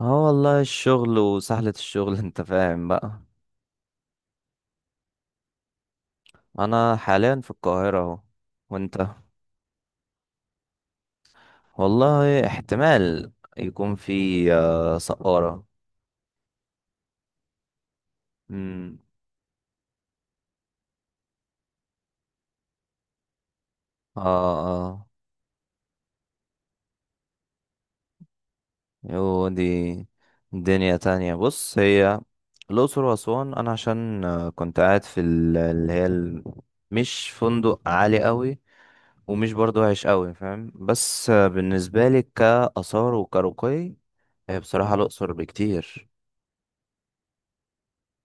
اه، والله الشغل وسهلة الشغل انت فاهم بقى. انا حاليا في القاهرة اهو. وانت؟ والله احتمال يكون في سقارة. امم. اه. اه. يو دي. دنيا تانية. بص، هي الأقصر وأسوان، أنا عشان كنت قاعد في مش فندق عالي قوي، ومش برضو وحش قوي، فاهم، بس بالنسبة لي كآثار وكرقي هي بصراحة الأقصر بكتير.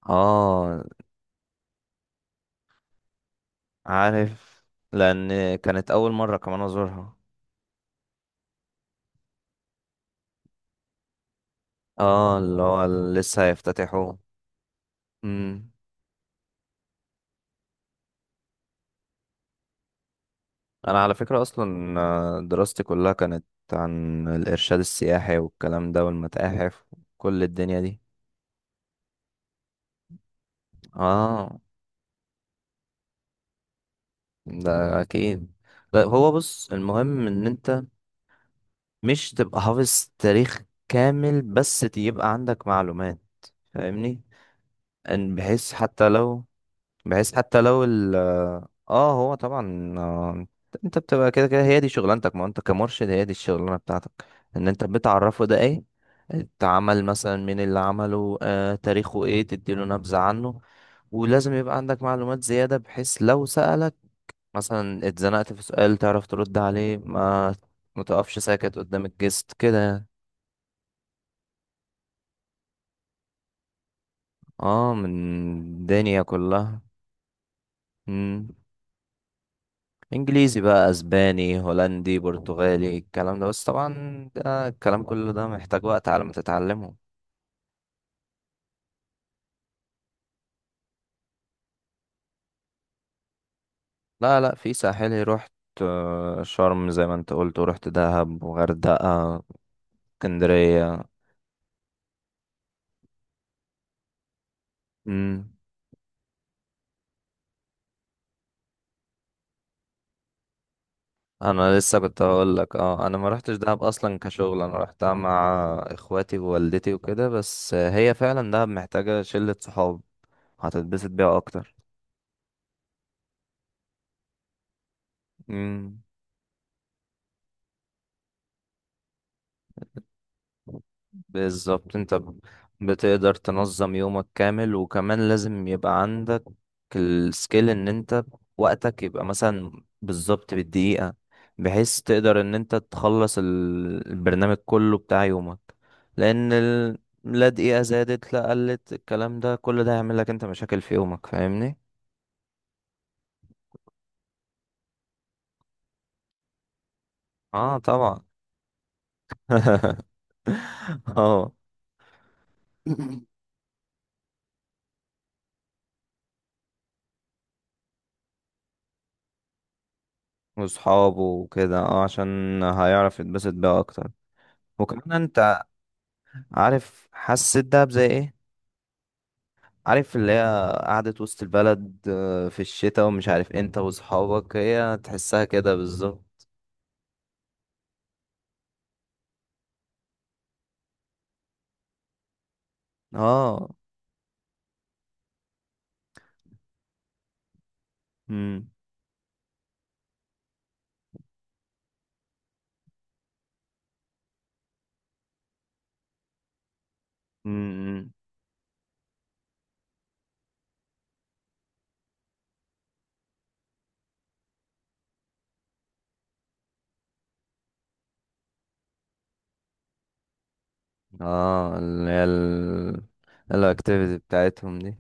اه، عارف، لان كانت اول مرة كمان ازورها. اه، اللي هو لسه هيفتتحوه. امم. انا على فكرة اصلا دراستي كلها كانت عن الارشاد السياحي والكلام ده والمتاحف وكل الدنيا دي. اه، ده اكيد. لا، هو بص، المهم ان انت مش تبقى حافظ تاريخ كامل، بس يبقى عندك معلومات، فاهمني، ان بحيث حتى لو بحيث حتى لو ال اه، هو طبعا، انت بتبقى كده كده هي دي شغلانتك، ما انت كمرشد هي دي الشغلانه بتاعتك، ان انت بتعرفه ده ايه اتعمل، مثلا مين اللي عمله، تاريخه ايه، تديله نبذه عنه. ولازم يبقى عندك معلومات زياده، بحيث لو سألك مثلا، اتزنقت في سؤال تعرف ترد عليه، ما متقفش ساكت قدام الجست كده يعني. اه، من الدنيا كلها. انجليزي بقى، اسباني، هولندي، برتغالي، الكلام ده، بس طبعا ده الكلام كله ده محتاج وقت على ما تتعلمه. لا لا، في ساحلي رحت شرم زي ما انت قلت، ورحت دهب وغردقة، اسكندرية. امم. انا لسه كنت هقول لك، انا ما رحتش دهب اصلا كشغل، انا رحتها مع اخواتي ووالدتي وكده، بس هي فعلا دهب محتاجة شلة صحاب هتتبسط بيها اكتر. امم. بالظبط. بتقدر تنظم يومك كامل، وكمان لازم يبقى عندك السكيل ان انت وقتك يبقى مثلا بالظبط بالدقيقة، بحيث تقدر ان انت تخلص البرنامج كله بتاع يومك، لان ال... لا دقيقة زادت لا قلت، الكلام ده كل ده هيعمل لك انت مشاكل في يومك، فاهمني. اه طبعا. اه، وصحابه وكده، عشان هيعرف يتبسط بيها اكتر. وكمان عارف حسيت دهب زي ايه؟ عارف اللي هي قعدة وسط البلد في الشتاء ومش عارف، انت وصحابك هي تحسها كده بالظبط. اه. امم. امم. اه اللي هي ال الاكتيفيتي بتاعتهم دي.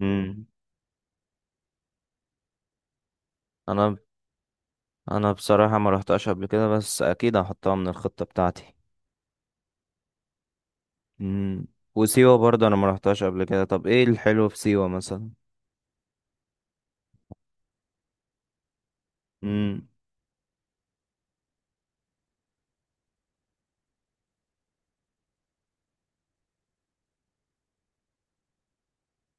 امم. انا انا بصراحة ما رحتهاش قبل كده، بس اكيد هحطها من الخطة بتاعتي. امم. وسيوة برضه انا ما رحتهاش قبل كده. طب ايه الحلو في سيوة مثلا؟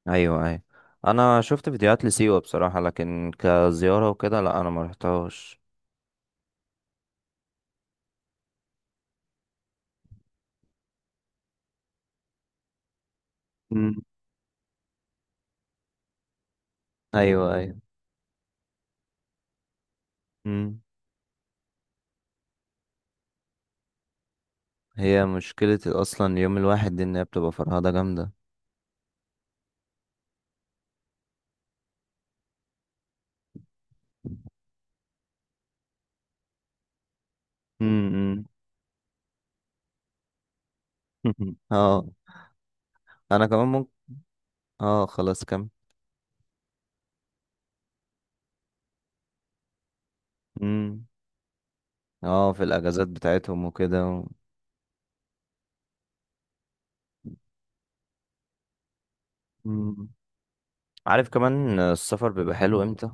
ايوه ايوه، انا شفت فيديوهات لسيوة بصراحة، لكن كزيارة وكده لا انا ما رحتهاش. مم. ايوه ايوه. مم. هي مشكلة اصلا اليوم الواحد دي ان هي بتبقى فرهدة جامدة. مم. مم. اه. انا كمان ممكن. اه، خلاص كم. مم. اه، في الاجازات بتاعتهم وكده و... مم. عارف كمان السفر بيبقى حلو امتى؟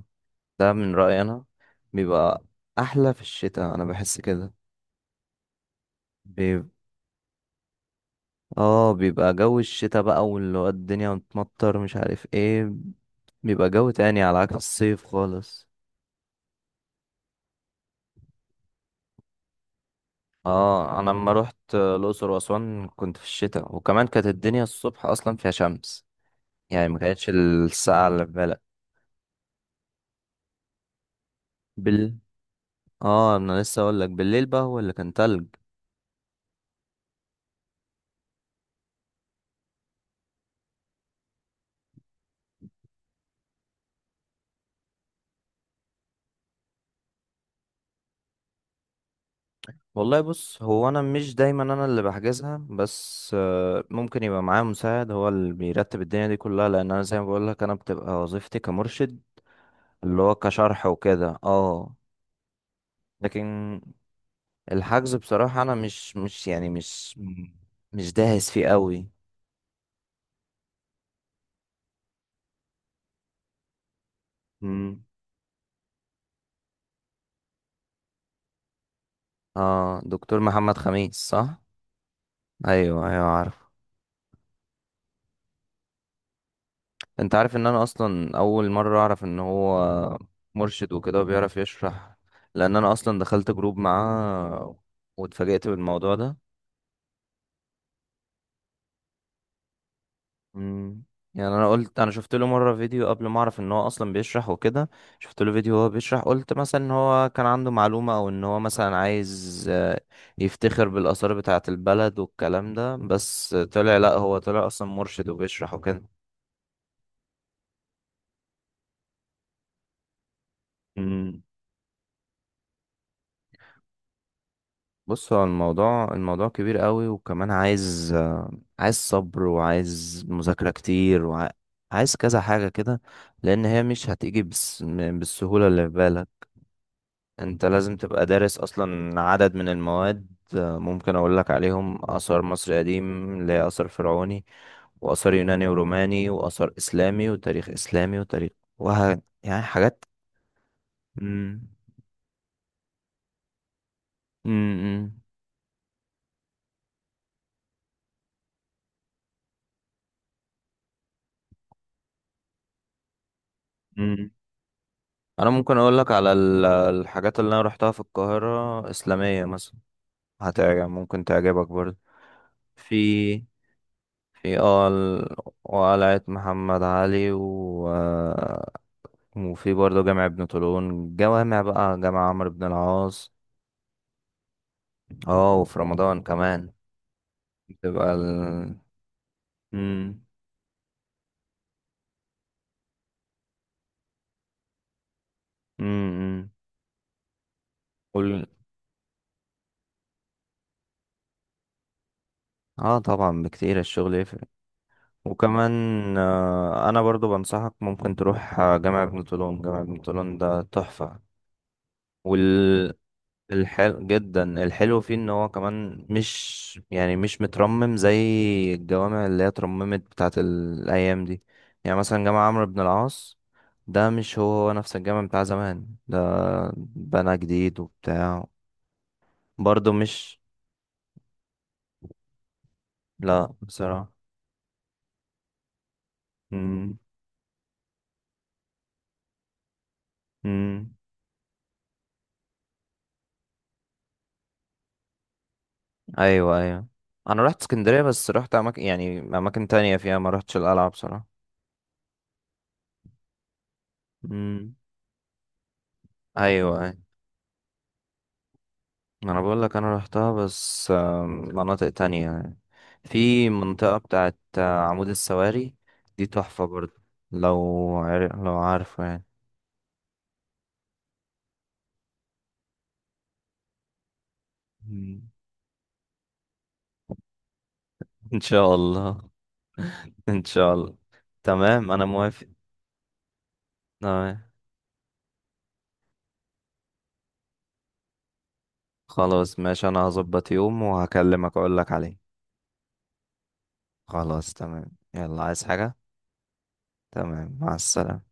ده من رأيي انا. بيبقى احلى في الشتاء، انا بحس كده. اه، بيبقى جو الشتاء بقى، واللي هو الدنيا متمطر مش عارف ايه، بيبقى جو تاني على عكس الصيف خالص. اه، انا لما روحت الاقصر واسوان كنت في الشتاء، وكمان كانت الدنيا الصبح اصلا فيها شمس، يعني ما كانتش الساعه اللي في بالك. بال اه، انا لسه اقول لك بالليل بقى هو اللي كان تلج. والله بص، هو انا مش دايما انا اللي بحجزها، بس ممكن يبقى معايا مساعد هو اللي بيرتب الدنيا دي كلها، لان انا زي ما بقول لك، انا بتبقى وظيفتي كمرشد، اللي هو كشرح وكده اه. لكن الحجز بصراحة، أنا مش يعني مش مم. مش داهس فيه قوي. مم. اه، دكتور محمد خميس صح؟ ايوه ايوه، عارف. انت عارف ان انا اصلا اول مره اعرف ان هو مرشد وكده وبيعرف يشرح، لان انا اصلا دخلت جروب معاه واتفاجئت بالموضوع ده. مم. يعني انا قلت، انا شفت له مره فيديو قبل ما اعرف ان هو اصلا بيشرح وكده، شفت له فيديو وهو بيشرح، قلت مثلا ان هو كان عنده معلومه، او ان هو مثلا عايز يفتخر بالاثار بتاعه البلد والكلام ده، بس طلع لا، هو طلع اصلا مرشد وبيشرح وكده. مم. بص، هو الموضوع كبير قوي، وكمان عايز عايز صبر وعايز مذاكره كتير وعايز كذا حاجه كده، لان هي مش هتيجي بالسهوله اللي في بالك. انت لازم تبقى دارس اصلا عدد من المواد، ممكن اقول لك عليهم: اثار مصر قديم اللي هي اثر فرعوني، واثار يوناني وروماني، واثار اسلامي وتاريخ اسلامي وتاريخ يعني حاجات. مم. مم. مم. مم. انا ممكن اقول لك على الحاجات اللي انا روحتها في القاهرة اسلامية مثلا، هتعجب، ممكن تعجبك برضه. في في وقلعة محمد علي و... وفي برضه جامع ابن طولون، جوامع بقى، جامع عمرو بن العاص. اه، وفي رمضان كمان بتبقى ال مم. مم. مم. قول. اه طبعا، بكتير الشغل يفرق. وكمان آه انا برضو بنصحك، ممكن تروح جامع ابن طولون. جامع ابن طولون ده تحفة. وال الحل جدا، الحلو فيه ان هو كمان مش مترمم زي الجوامع اللي هي اترممت بتاعت الايام دي. يعني مثلا جامع عمرو بن العاص ده مش هو هو نفس الجامع بتاع زمان ده، بنى جديد وبتاع. برضه مش لا بصراحة. مم. مم. ايوه ايوه، انا رحت اسكندرية، بس رحت اماكن يعني اماكن تانية فيها، ما رحتش القلعة بصراحة. مم. ايوه ايوه. ما انا بقول لك انا رحتها، بس مناطق تانية يعني. في منطقة بتاعت عمود السواري، دي تحفة برضه. لو لو عارفه يعني. مم. ان شاء الله. ان شاء الله. تمام انا موافق. تمام. خلاص ماشي، انا هظبط يوم وهكلمك اقول لك عليه. خلاص تمام. يلا عايز حاجة. تمام، مع السلامة.